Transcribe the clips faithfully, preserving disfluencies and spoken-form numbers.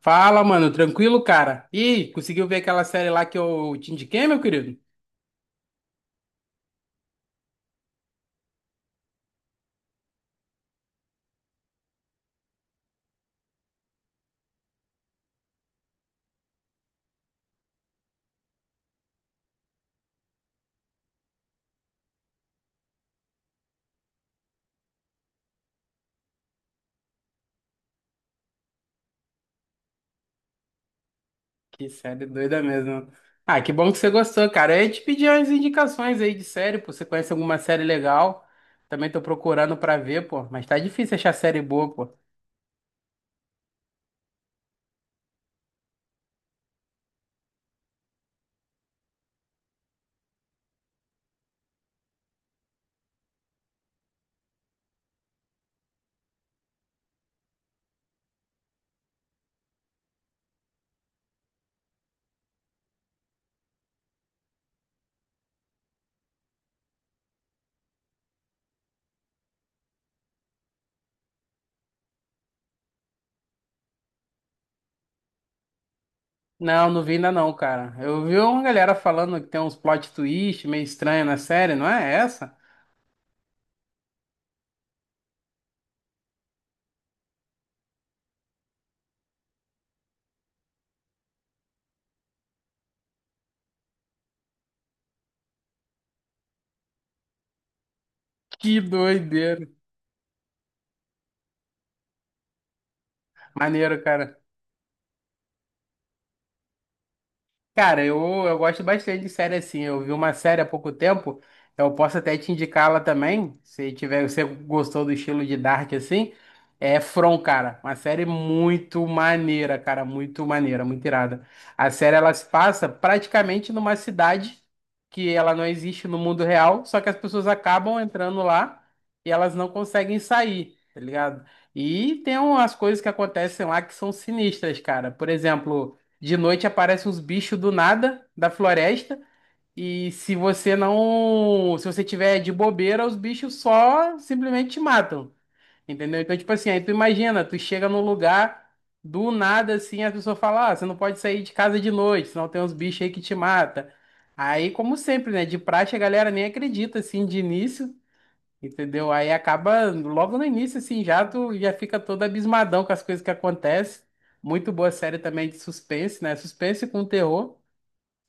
Fala, mano, tranquilo, cara? Ih, conseguiu ver aquela série lá que eu te indiquei, meu querido? Que série doida mesmo. Ah, que bom que você gostou, cara. Eu ia te pedir umas indicações aí de série, pô. Você conhece alguma série legal? Também tô procurando pra ver, pô. Mas tá difícil achar série boa, pô. Não, não vi ainda não, cara. Eu vi uma galera falando que tem uns plot twist meio estranho na série, não é essa? Que doideira. Maneiro, cara. Cara, eu, eu gosto bastante de série assim. Eu vi uma série há pouco tempo, eu posso até te indicá-la também, se tiver, você gostou do estilo de Dark assim. É From, cara, uma série muito maneira, cara, muito maneira, muito irada. A série ela se passa praticamente numa cidade que ela não existe no mundo real, só que as pessoas acabam entrando lá e elas não conseguem sair, tá ligado? E tem umas coisas que acontecem lá que são sinistras, cara. Por exemplo, de noite aparecem uns bichos do nada, da floresta, e se você não, se você tiver de bobeira, os bichos só simplesmente te matam. Entendeu? Então, tipo assim, aí tu imagina, tu chega num lugar do nada assim, a pessoa fala: "Ah, você não pode sair de casa de noite, senão tem uns bichos aí que te mata". Aí, como sempre, né, de praxe a galera nem acredita assim de início. Entendeu? Aí acaba logo no início, assim, já tu já fica todo abismadão com as coisas que acontecem. Muito boa série também de suspense, né? Suspense com terror.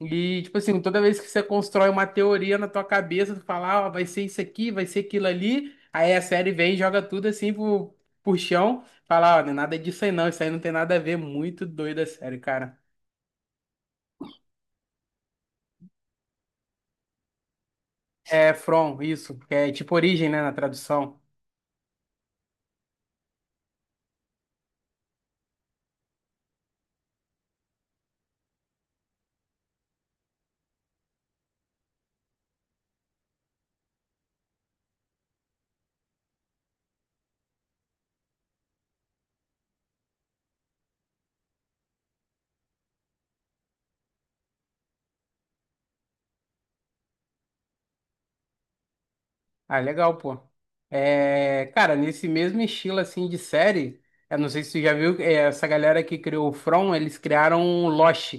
E, tipo assim, toda vez que você constrói uma teoria na tua cabeça, tu fala, ó, vai ser isso aqui, vai ser aquilo ali. Aí a série vem e joga tudo assim pro, pro, chão. Fala, ó, não é nada disso aí não, isso aí não tem nada a ver. Muito doida a série, cara. É From, isso, que é tipo origem, né, na tradução. Ah, legal, pô. É, cara, nesse mesmo estilo assim de série, eu não sei se tu já viu, é, essa galera que criou o From, eles criaram o Lost,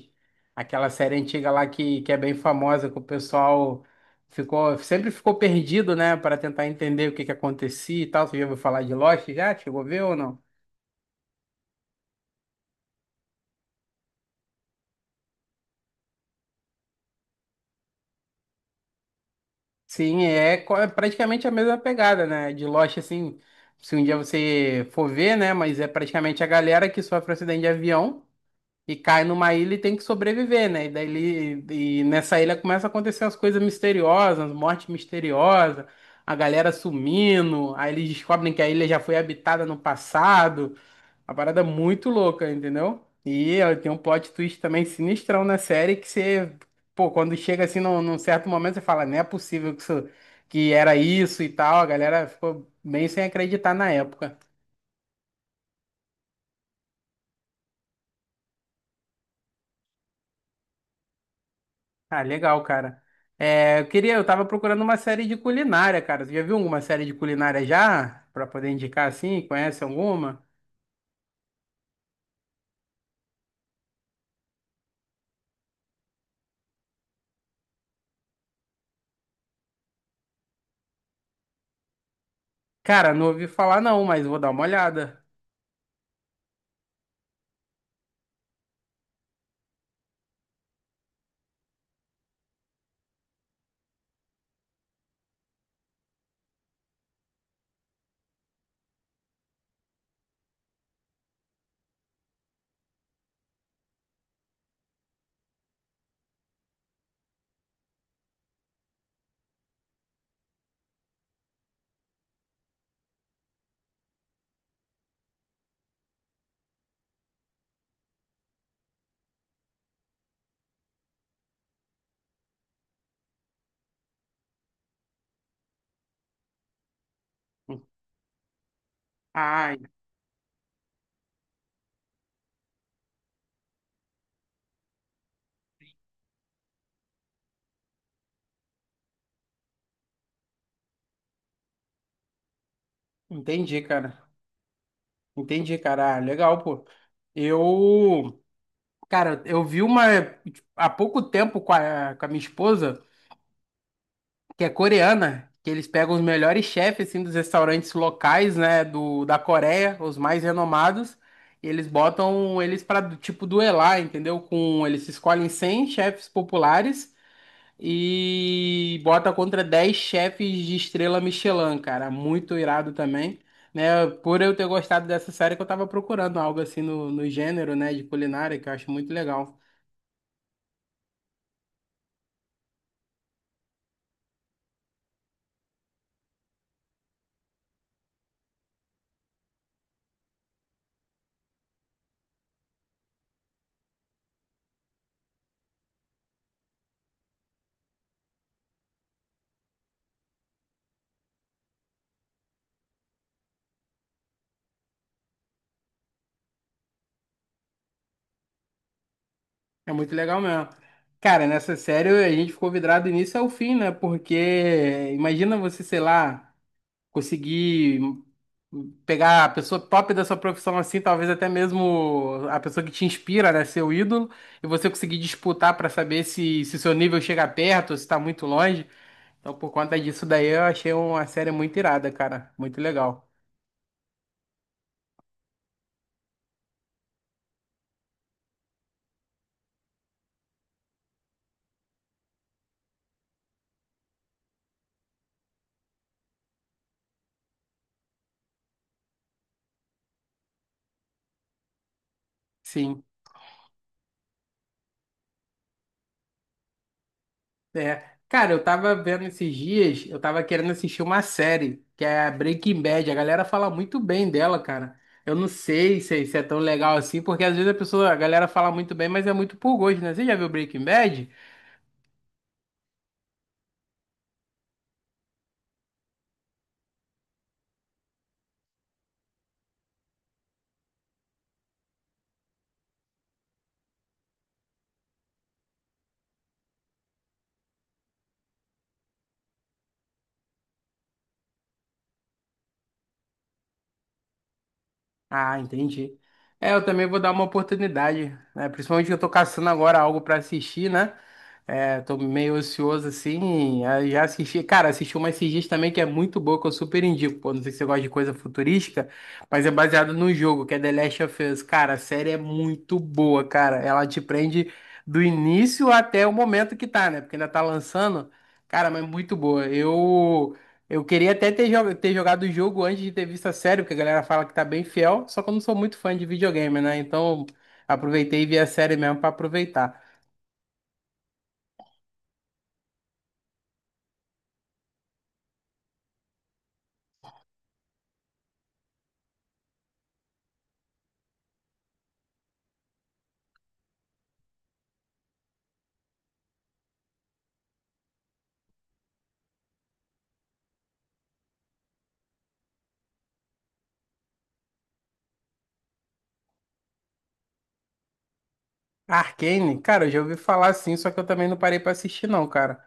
aquela série antiga lá que, que é bem famosa, que o pessoal ficou, sempre ficou perdido, né, para tentar entender o que que acontecia e tal. Você já ouviu falar de Lost já? Chegou a ver ou não? Sim, é co- é praticamente a mesma pegada, né? De Lost, assim, se um dia você for ver, né? Mas é praticamente a galera que sofre acidente de avião. E cai numa ilha e tem que sobreviver, né? E daí ele, e nessa ilha começa a acontecer as coisas misteriosas, morte misteriosa, a galera sumindo, aí eles descobrem que a ilha já foi habitada no passado. Uma parada muito louca, entendeu? E ó, tem um plot twist também sinistrão na série que você, pô, quando chega assim num, num, certo momento, você fala, não é possível que isso, que era isso e tal. A galera ficou bem sem acreditar na época. Ah, legal, cara. É, eu queria, eu tava procurando uma série de culinária, cara. Você já viu alguma série de culinária já? Pra poder indicar assim? Conhece alguma? Cara, não ouvi falar não, mas vou dar uma olhada. Ah, entendi, cara. Entendi, cara. Ah, legal, pô. Eu, cara, eu vi uma há pouco tempo com a, com a, minha esposa. Que é coreana, que eles pegam os melhores chefes assim dos restaurantes locais, né, do da Coreia, os mais renomados, e eles botam eles para tipo duelar, entendeu? Com eles escolhem cem chefes populares e bota contra dez chefes de estrela Michelin, cara, muito irado também. Né, por eu ter gostado dessa série que eu tava procurando algo assim no, no, gênero, né, de culinária, que eu acho muito legal. É muito legal mesmo. Cara, nessa série a gente ficou vidrado do início ao fim, né? Porque imagina você, sei lá, conseguir pegar a pessoa top da sua profissão assim, talvez até mesmo a pessoa que te inspira, né? Seu ídolo, e você conseguir disputar pra saber se, se seu nível chega perto ou se tá muito longe. Então, por conta disso daí, eu achei uma série muito irada, cara. Muito legal. Sim. É, cara, eu tava vendo esses dias, eu tava querendo assistir uma série, que é a Breaking Bad. A galera fala muito bem dela, cara. Eu não sei se, se é tão legal assim, porque às vezes a pessoa, a galera fala muito bem, mas é muito por gosto, né? Você já viu Breaking Bad? Ah, entendi. É, eu também vou dar uma oportunidade, né? Principalmente que eu tô caçando agora algo pra assistir, né? É, tô meio ocioso assim. Aí já assisti, cara, assisti uma esses dias também que é muito boa, que eu super indico. Pô, não sei se você gosta de coisa futurística, mas é baseado no jogo, que é The Last of Us. Cara, a série é muito boa, cara. Ela te prende do início até o momento que tá, né? Porque ainda tá lançando. Cara, mas muito boa. Eu. Eu queria até ter, jo- ter jogado o jogo antes de ter visto a série, porque a galera fala que tá bem fiel, só que eu não sou muito fã de videogame, né? Então aproveitei e vi a série mesmo pra aproveitar. Arcane, cara, eu já ouvi falar assim, só que eu também não parei pra assistir não, cara.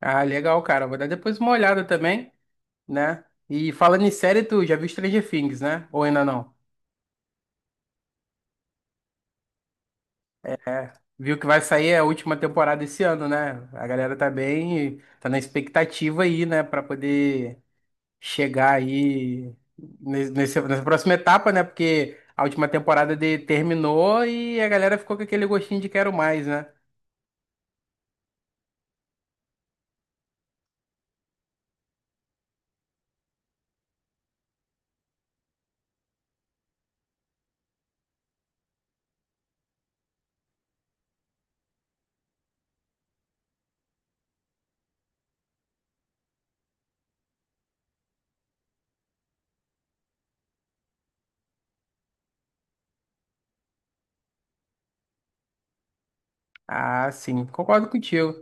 Ah, legal, cara. Vou dar depois uma olhada também, né? E falando em série, tu já viu Stranger Things, né? Ou ainda não? Viu que vai sair a última temporada esse ano, né? A galera tá bem, tá na expectativa aí, né, pra poder chegar aí ne- nesse- nessa próxima etapa, né? Porque a última temporada de, terminou e a galera ficou com aquele gostinho de quero mais, né? Ah, sim, concordo contigo.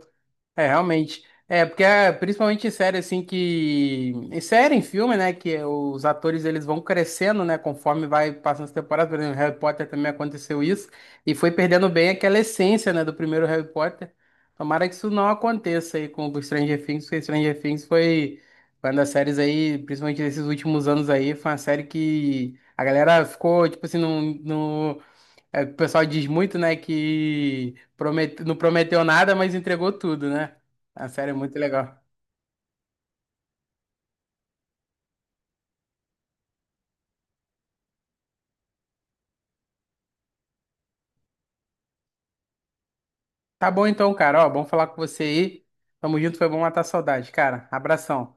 É, realmente. É, porque é, principalmente em série, assim, que... Em série, em filme, né, que os atores, eles vão crescendo, né, conforme vai passando as temporadas. Por exemplo, Harry Potter também aconteceu isso. E foi perdendo bem aquela essência, né, do primeiro Harry Potter. Tomara que isso não aconteça aí com o Stranger Things, porque Stranger Things foi uma das séries aí, principalmente nesses últimos anos aí, foi uma série que a galera ficou, tipo assim, no, é, o pessoal diz muito, né, que promete... não prometeu nada, mas entregou tudo, né? A série é muito legal. Tá bom então, cara. Ó, bom falar com você aí. Tamo junto, foi bom matar a saudade, cara. Abração.